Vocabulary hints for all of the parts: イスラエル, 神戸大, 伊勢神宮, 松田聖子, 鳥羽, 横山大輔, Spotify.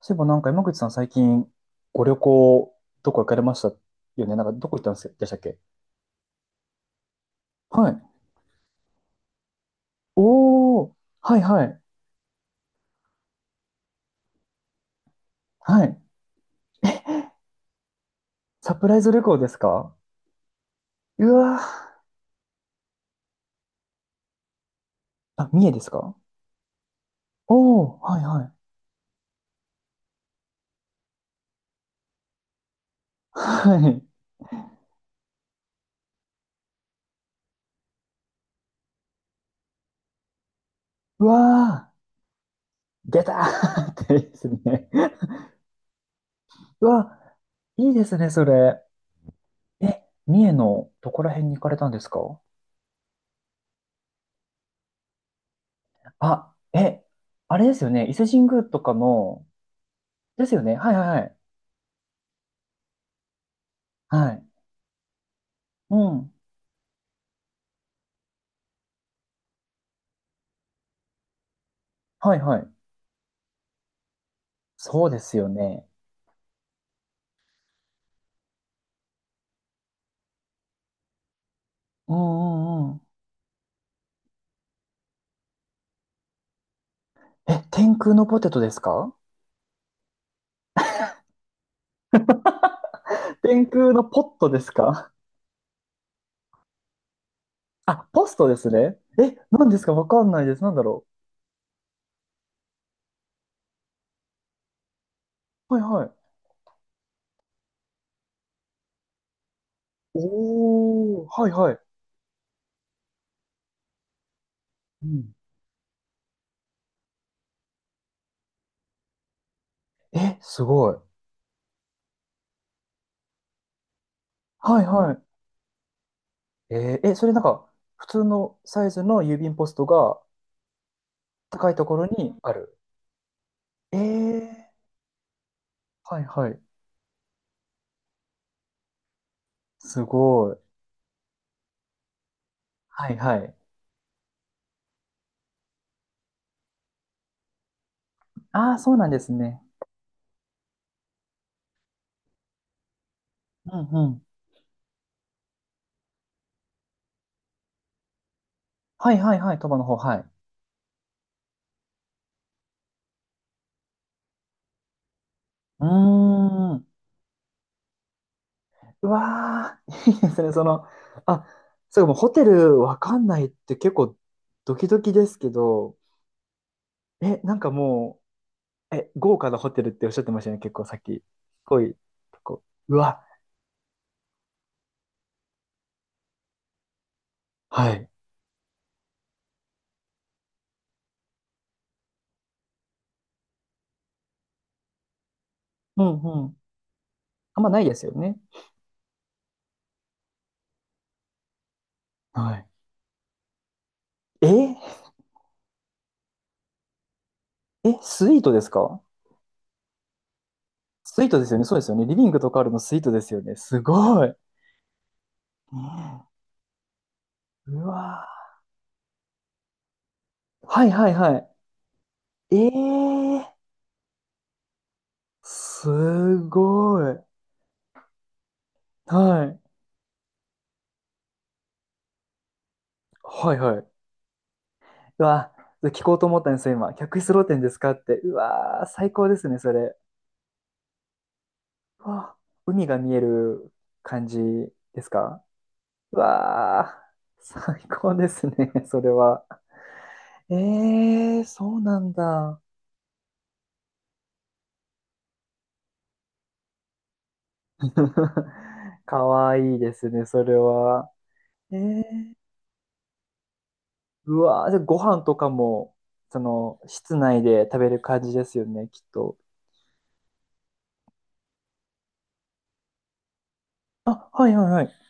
そういえばなんか山口さん最近ご旅行どこ行かれましたよね。なんかどこ行ったんですでしたっけ？はい。おー。はいはい。はい。サプライズ旅行ですか？うわー。あ、三重ですか？おー。はいはい。はい。うわー。出たー ってですね。うわ、いいですね、それ。え、三重のどこら辺に行かれたんですか？あ、え、あれですよね。伊勢神宮とかの、ですよね。はいはいはい。はい。うん。はいはい。そうですよね。うんうんうん。え、天空のポテトですか？天空のポットですか？あ、ポストですね。え、何ですかわかんないです。なんだろう。はいはい。おー、はいはい。うん。え、すごい。はいはい。えーえ、それなんか、普通のサイズの郵便ポストが高いところにある。えー、はいはい。すごい。はいはい。ああ、そうなんですね。うんうん。はいはいはい。鳥羽の方、はい。ううーん。うわー、いいですね。その、あ、そうか、もうホテルわかんないって結構ドキドキですけど、え、なんかもう、え、豪華なホテルっておっしゃってましたよね、結構さっき。濃いとこ。うわ、はい。うんうん。あんまないですよね。はい。え、え、スイートですか？スイートですよね。そうですよね。リビングとかあるのスイートですよね。すごい。ねえうわー。はいはいはい。えー、すごい。はい。はいはい。うわ、聞こうと思ったんですよ、今。客室露天ですかって。うわー、最高ですね、それ。うわ、海が見える感じですか？うわー、最高ですね、それは。えー、そうなんだ。かわいいですね、それは。えー、うわー、じゃあご飯とかも、その、室内で食べる感じですよね、きっと。あ、はいはいはい。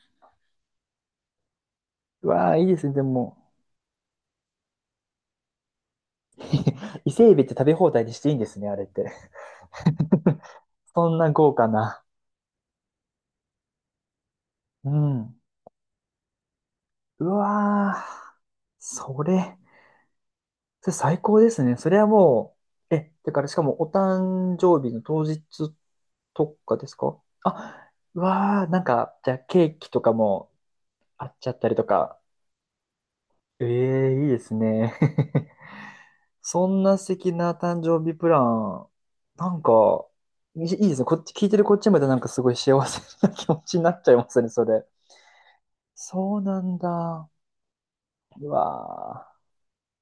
うわー、いいですね、でも。伊勢海老って食べ放題にしていいんですね、あれって。そんな豪華な。うん。うわー。それ、それ最高ですね。それはもう、え、だからしかもお誕生日の当日とかですか？あ、うわー、なんか、じゃあケーキとかもあっちゃったりとか。ええー、いいですね。そんな素敵な誕生日プラン、なんか、いいいですね。こっち、聞いてるこっちまでなんかすごい幸せな気持ちになっちゃいますね、それ。そうなんだ。うわ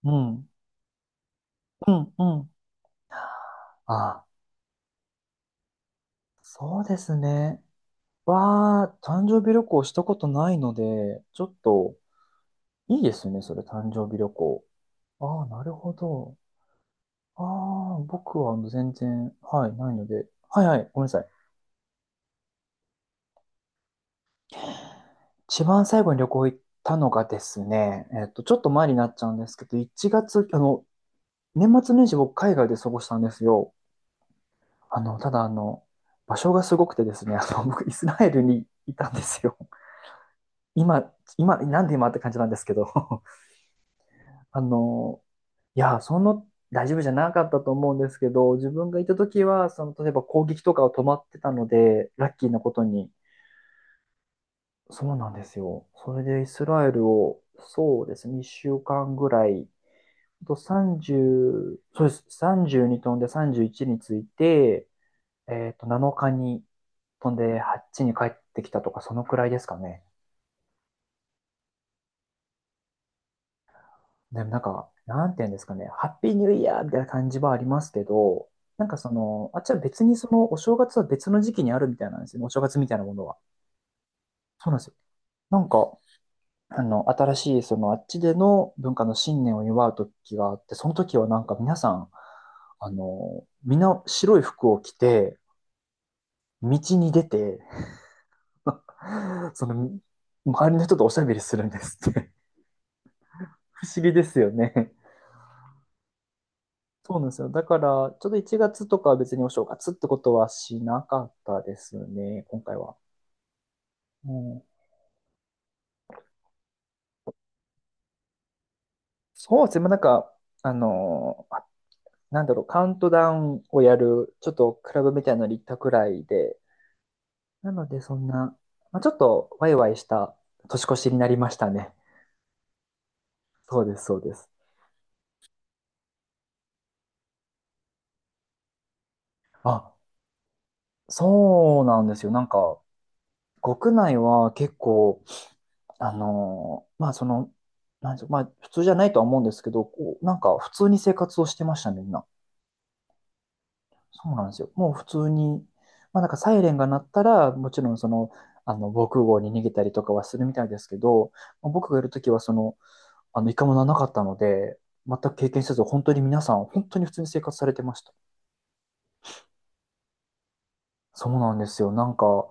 ーうん。うん、うん。あ、そうですね。わあ誕生日旅行したことないので、ちょっと、いいですね、それ、誕生日旅行。ああ、なるほど。ああ、僕は全然、はい、ないので。はいはい、ごめんなさい。一番最後に旅行行ったのがですね、ちょっと前になっちゃうんですけど、1月、年末年始僕海外で過ごしたんですよ。ただ場所がすごくてですね、僕イスラエルにいたんですよ。今、今、なんで今って感じなんですけど、あの、いや、その大丈夫じゃなかったと思うんですけど、自分がいた時は、その、例えば攻撃とかを止まってたので、ラッキーなことに。そうなんですよ。それでイスラエルを、そうですね、1週間ぐらい、あと30、そうです、32飛んで31について、7日に飛んで8に帰ってきたとか、そのくらいですかね。でもなんか、なんていうんですかね、ハッピーニューイヤーみたいな感じはありますけど、なんかその、あっちは別にそのお正月は別の時期にあるみたいなんですよね、お正月みたいなものは。そうなんですよ。なんか、新しいそのあっちでの文化の信念を祝う時があって、その時はなんか皆さん、みんな白い服を着て、道に出て、その、周りの人とおしゃべりするんですって。不思議ですよね。そうなんですよ。だから、ちょっと1月とかは別にお正月ってことはしなかったですね、今回は。うん、そうですね、まあなんか、あのーあなんだろう、カウントダウンをやる、ちょっとクラブみたいなのに行ったくらいで、なのでそんな、まあ、ちょっとワイワイした年越しになりましたね。そうです、そうです。あ、そうなんですよ。なんか、国内は結構あのまあその、なんでしょう、まあ普通じゃないとは思うんですけど、こう、なんか普通に生活をしてましたね、みんな。そうなんですよ。もう普通に、まあなんかサイレンが鳴ったら、もちろんその、防空壕に逃げたりとかはするみたいですけど、まあ僕がいるときはその、一回もならなかったので、全く経験せず、本当に皆さん、本当に普通に生活されてました。そうなんですよ。なんか、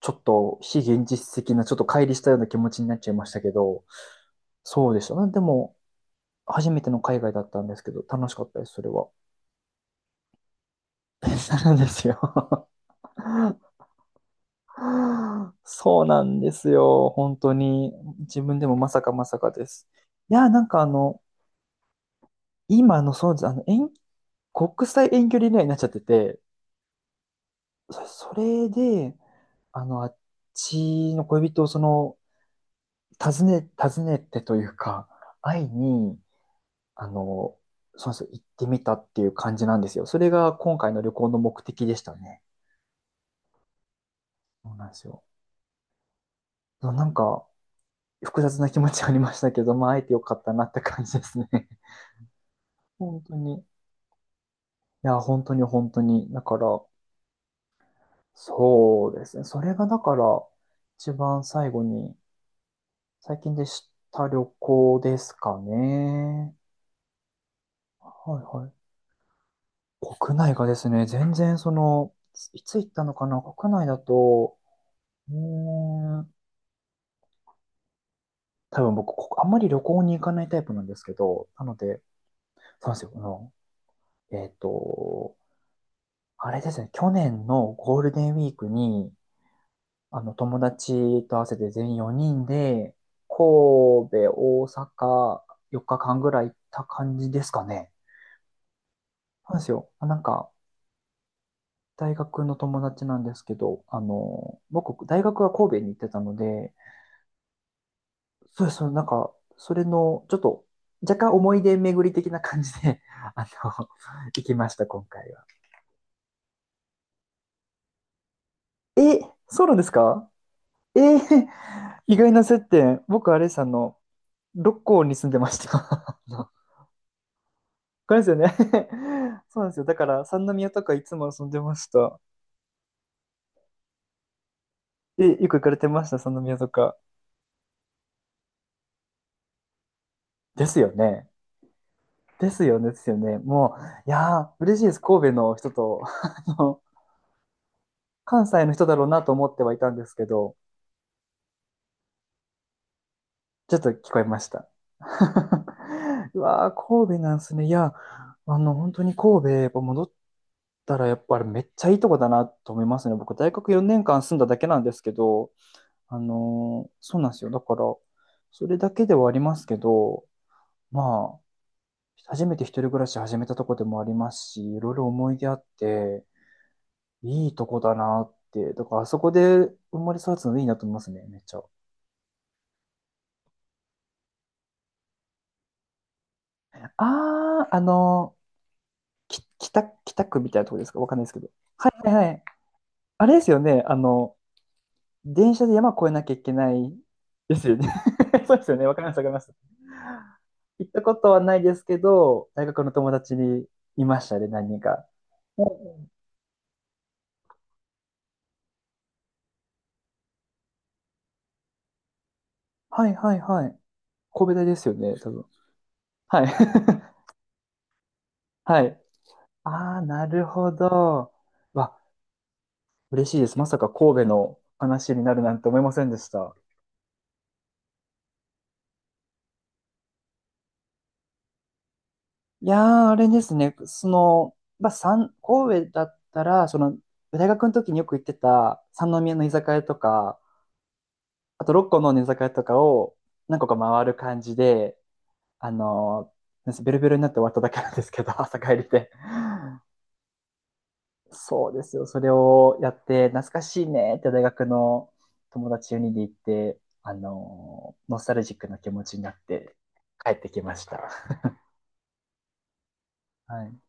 ちょっと非現実的な、ちょっと乖離したような気持ちになっちゃいましたけど、そうでしたね。でも、初めての海外だったんですけど、楽しかったです、それは。なんですよ。そうなんですよ。本当に。自分でもまさかまさかです。いや、なんかあの、今のそうです。国際遠距離恋愛になっちゃってて、それで、あっちの恋人をその、訪ねてというか、会いに、あの、そうです行ってみたっていう感じなんですよ。それが今回の旅行の目的でしたね。そうなんですよ。なんか、複雑な気持ちありましたけど、まあ、会えてよかったなって感じですね。本当に。いや、本当に本当に。だから、そうですね。それがだから、一番最後に、最近でした旅行ですかね。はいはい。国内がですね、全然その、いつ行ったのかな国内だと、うーん、多分僕、こあんまり旅行に行かないタイプなんですけど、なので、そうなんですよ。えっと、あれですね、去年のゴールデンウィークに、友達と合わせて全員4人で、神戸、大阪、4日間ぐらい行った感じですかね。そうですよ。なんか、大学の友達なんですけど、僕、大学は神戸に行ってたので、そうです、そうですなんか、それの、ちょっと、若干思い出巡り的な感じで、あの、行きました、今回は。え、そうなんですか？えー意外な接点。僕、あれさんの、六甲に住んでました。これですよね そうなんですよ。だから、三宮とかいつも遊んでました。え、よく行かれてました、三宮とか？ですよね。ですよね、ですよね。もう、いやー、嬉しいです。神戸の人と、あの、関西の人だろうなと思ってはいたんですけど、ちょっと聞こえました。うわー、神戸なんですね。いや、本当に神戸、やっぱ戻ったら、やっぱりめっちゃいいとこだなと思いますね。僕、大学4年間住んだだけなんですけど、そうなんですよ。だから、それだけではありますけど、まあ、初めて一人暮らし始めたとこでもありますし、いろいろ思い出あって、いいとこだなって、だからあそこで生まれ育つのでいいなと思いますね、めっちゃ。あああのき北、北区みたいなとこですか？わかんないですけど。はいはいはい。あれですよね、電車で山越えなきゃいけないですよね。そうですよね。わかります、わかります。行ったことはないですけど、大学の友達にいましたね、何人か。おはいはいはい。神戸大ですよね、多分。はい。はい。ああ、なるほど。わ、嬉しいです。まさか神戸の話になるなんて思いませんでした。いやー、あれですね。その、まあ、三神戸だったら、その、大学の時によく行ってた三宮の居酒屋とか、あと6個の寝酒屋とかを何個か回る感じで、あの、ベロベロになって終わっただけなんですけど、朝帰りで。そうですよ。それをやって、懐かしいねって大学の友達よにんで行って、ノスタルジックな気持ちになって帰ってきました。はい。